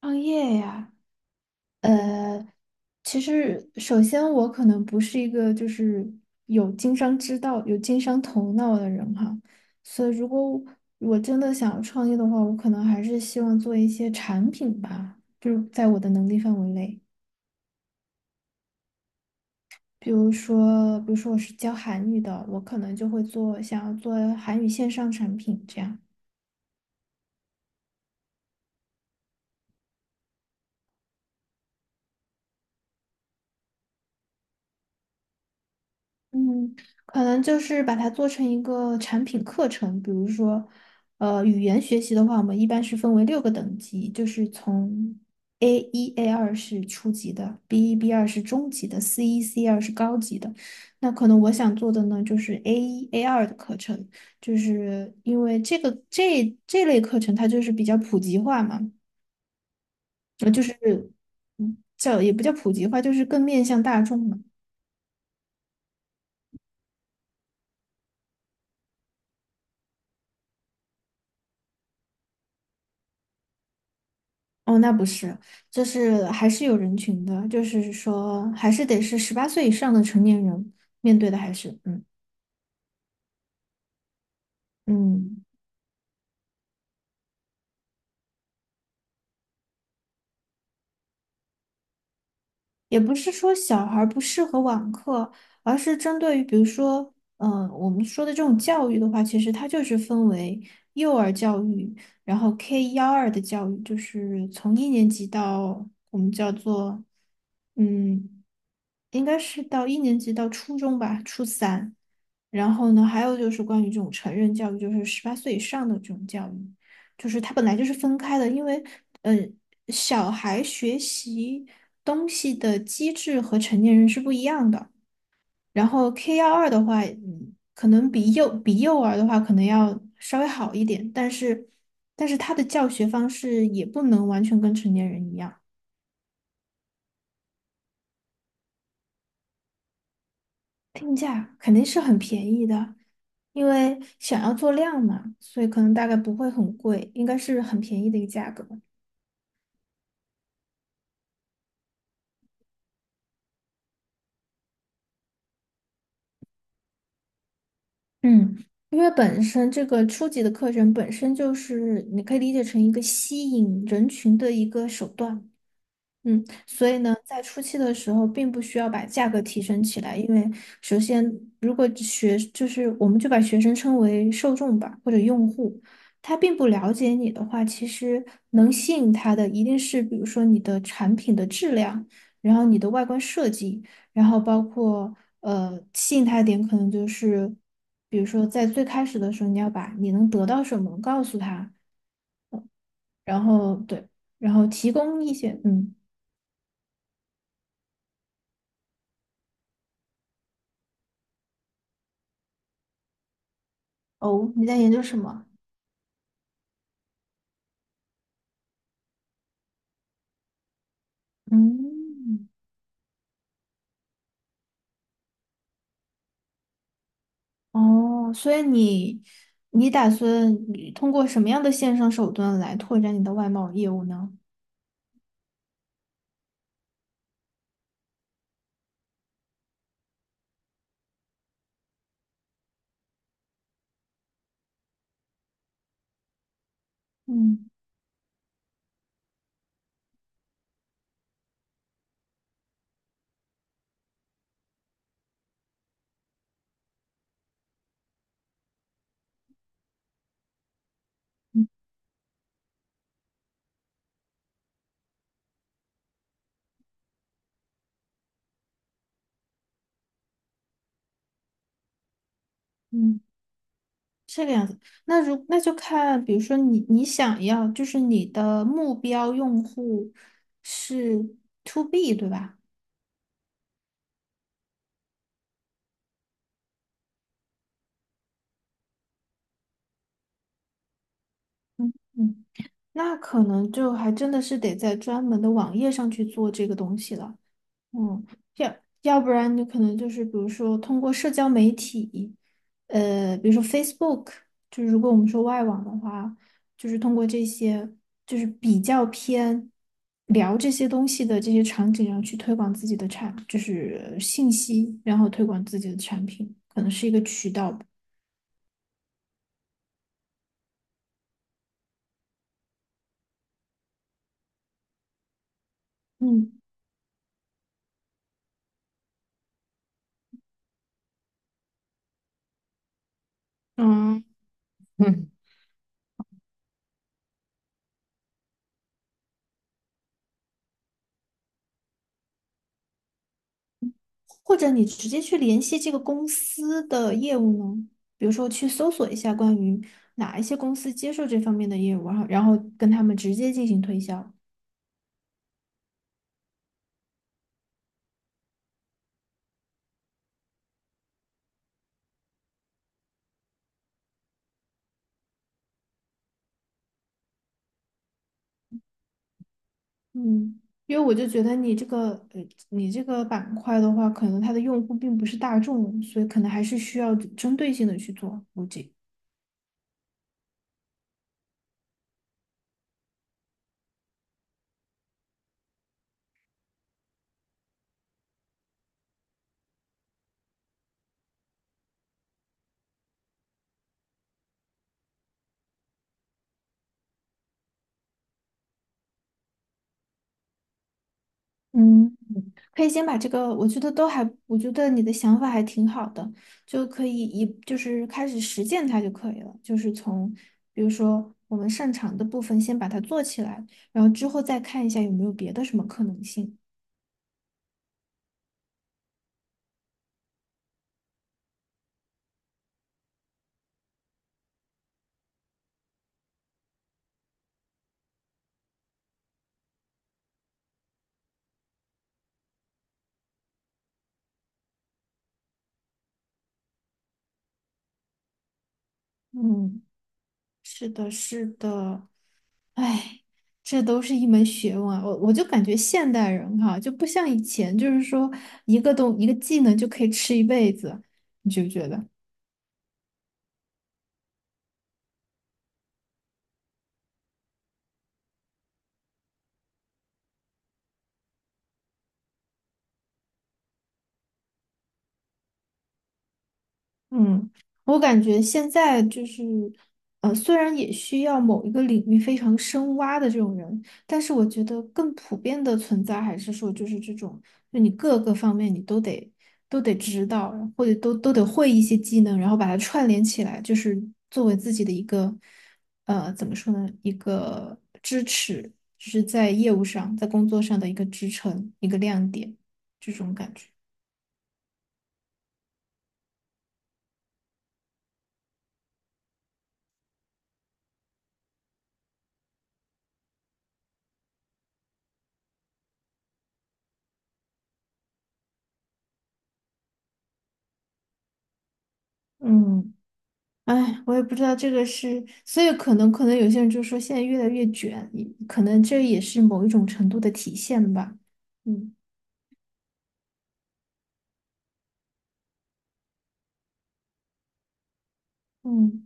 创业呀，呃，其实首先我可能不是一个就是有经商之道、有经商头脑的人哈，所以如果我真的想要创业的话，我可能还是希望做一些产品吧，就是在我的能力范围内，比如说我是教韩语的，我可能就会做想要做韩语线上产品这样。嗯，可能就是把它做成一个产品课程，比如说，语言学习的话，我们一般是分为六个等级，就是从 A 一、A 二是初级的，B1、B2是中级的，C1、C2是高级的。那可能我想做的呢，就是 A 一、A 二的课程，就是因为这个这类课程它就是比较普及化嘛，就是叫也不叫普及化，就是更面向大众嘛。哦，那不是，就是还是有人群的，就是说还是得是十八岁以上的成年人面对的，还是嗯嗯，也不是说小孩儿不适合网课，而是针对于比如说，我们说的这种教育的话，其实它就是分为幼儿教育，然后 K 幺二的教育，就是从一年级到我们叫做嗯。应该是到一年级到初中吧，初三。然后呢，还有就是关于这种成人教育，就是十八岁以上的这种教育，就是它本来就是分开的，因为嗯，小孩学习东西的机制和成年人是不一样的。然后 K 幺二的话，可能比幼儿的话可能要稍微好一点，但是他的教学方式也不能完全跟成年人一样。定价肯定是很便宜的，因为想要做量嘛，所以可能大概不会很贵，应该是很便宜的一个价格。嗯，因为本身这个初级的课程本身就是你可以理解成一个吸引人群的一个手段。所以呢，在初期的时候，并不需要把价格提升起来，因为首先，如果就是我们就把学生称为受众吧，或者用户，他并不了解你的话，其实能吸引他的一定是，比如说你的产品的质量，然后你的外观设计，然后包括吸引他的点可能就是，比如说在最开始的时候，你要把你能得到什么告诉他，然后对，然后提供一些嗯哦，你在研究什么？嗯，哦，所以你打算通过什么样的线上手段来拓展你的外贸业务呢？嗯嗯嗯，这个样子。那就看，比如说你想要，就是你的目标用户是 to B，对吧？嗯嗯，那可能就还真的是得在专门的网页上去做这个东西了。嗯，要要不然你可能就是比如说通过社交媒体，比如说 Facebook，就是如果我们说外网的话，就是通过这些就是比较偏聊这些东西的这些场景，然后去推广自己的就是信息，然后推广自己的产品，可能是一个渠道吧。嗯。嗯。或者你直接去联系这个公司的业务呢？比如说去搜索一下关于哪一些公司接受这方面的业务，然后跟他们直接进行推销。嗯，因为我就觉得你这个你这个板块的话，可能它的用户并不是大众，所以可能还是需要针对性的去做估计。嗯，可以先把这个，我觉得都还，我觉得你的想法还挺好的，就可以就是开始实践它就可以了，就是从比如说我们擅长的部分先把它做起来，然后之后再看一下有没有别的什么可能性。嗯，是的，是的，哎，这都是一门学问啊，我就感觉现代人哈、就不像以前，就是说一个技能就可以吃一辈子，你觉不觉得？嗯，我感觉现在就是，虽然也需要某一个领域非常深挖的这种人，但是我觉得更普遍的存在还是说，就是这种，就你各个方面你都得都得知道，或者都得会一些技能，然后把它串联起来，就是作为自己的一个，怎么说呢，一个支持，就是在业务上，在工作上的一个支撑，一个亮点，这种感觉。嗯。哎，我也不知道这个是，所以可能有些人就说现在越来越卷，可能这也是某一种程度的体现吧。嗯。嗯。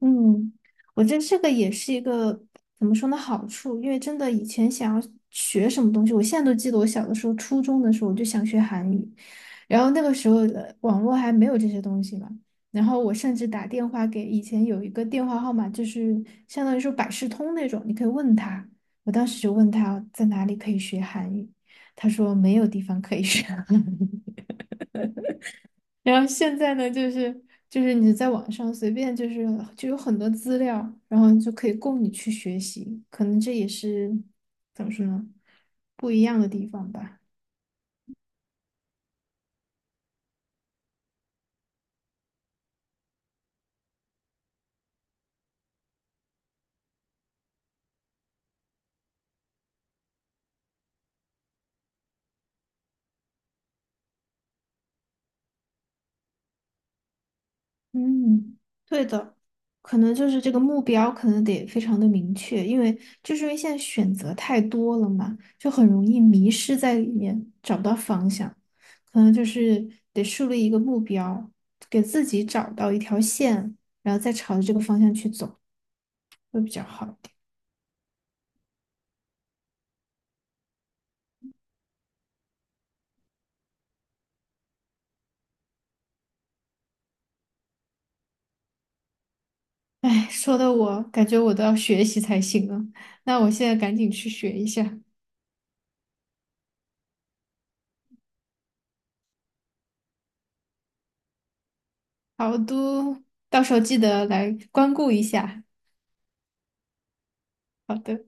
嗯，我觉得这个也是一个怎么说呢好处，因为真的以前想要学什么东西，我现在都记得我小的时候，初中的时候我就想学韩语，然后那个时候的网络还没有这些东西嘛，然后我甚至打电话给以前有一个电话号码，就是相当于说百事通那种，你可以问他，我当时就问他在哪里可以学韩语，他说没有地方可以学。然后现在呢，就是你在网上随便就有很多资料，然后就可以供你去学习，可能这也是怎么说呢，不一样的地方吧。嗯，对的，可能就是这个目标可能得非常的明确，因为现在选择太多了嘛，就很容易迷失在里面，找不到方向。可能就是得树立一个目标，给自己找到一条线，然后再朝着这个方向去走。会比较好一点。哎，说的我感觉我都要学习才行了。那我现在赶紧去学一下。好的，到时候记得来光顾一下。好的。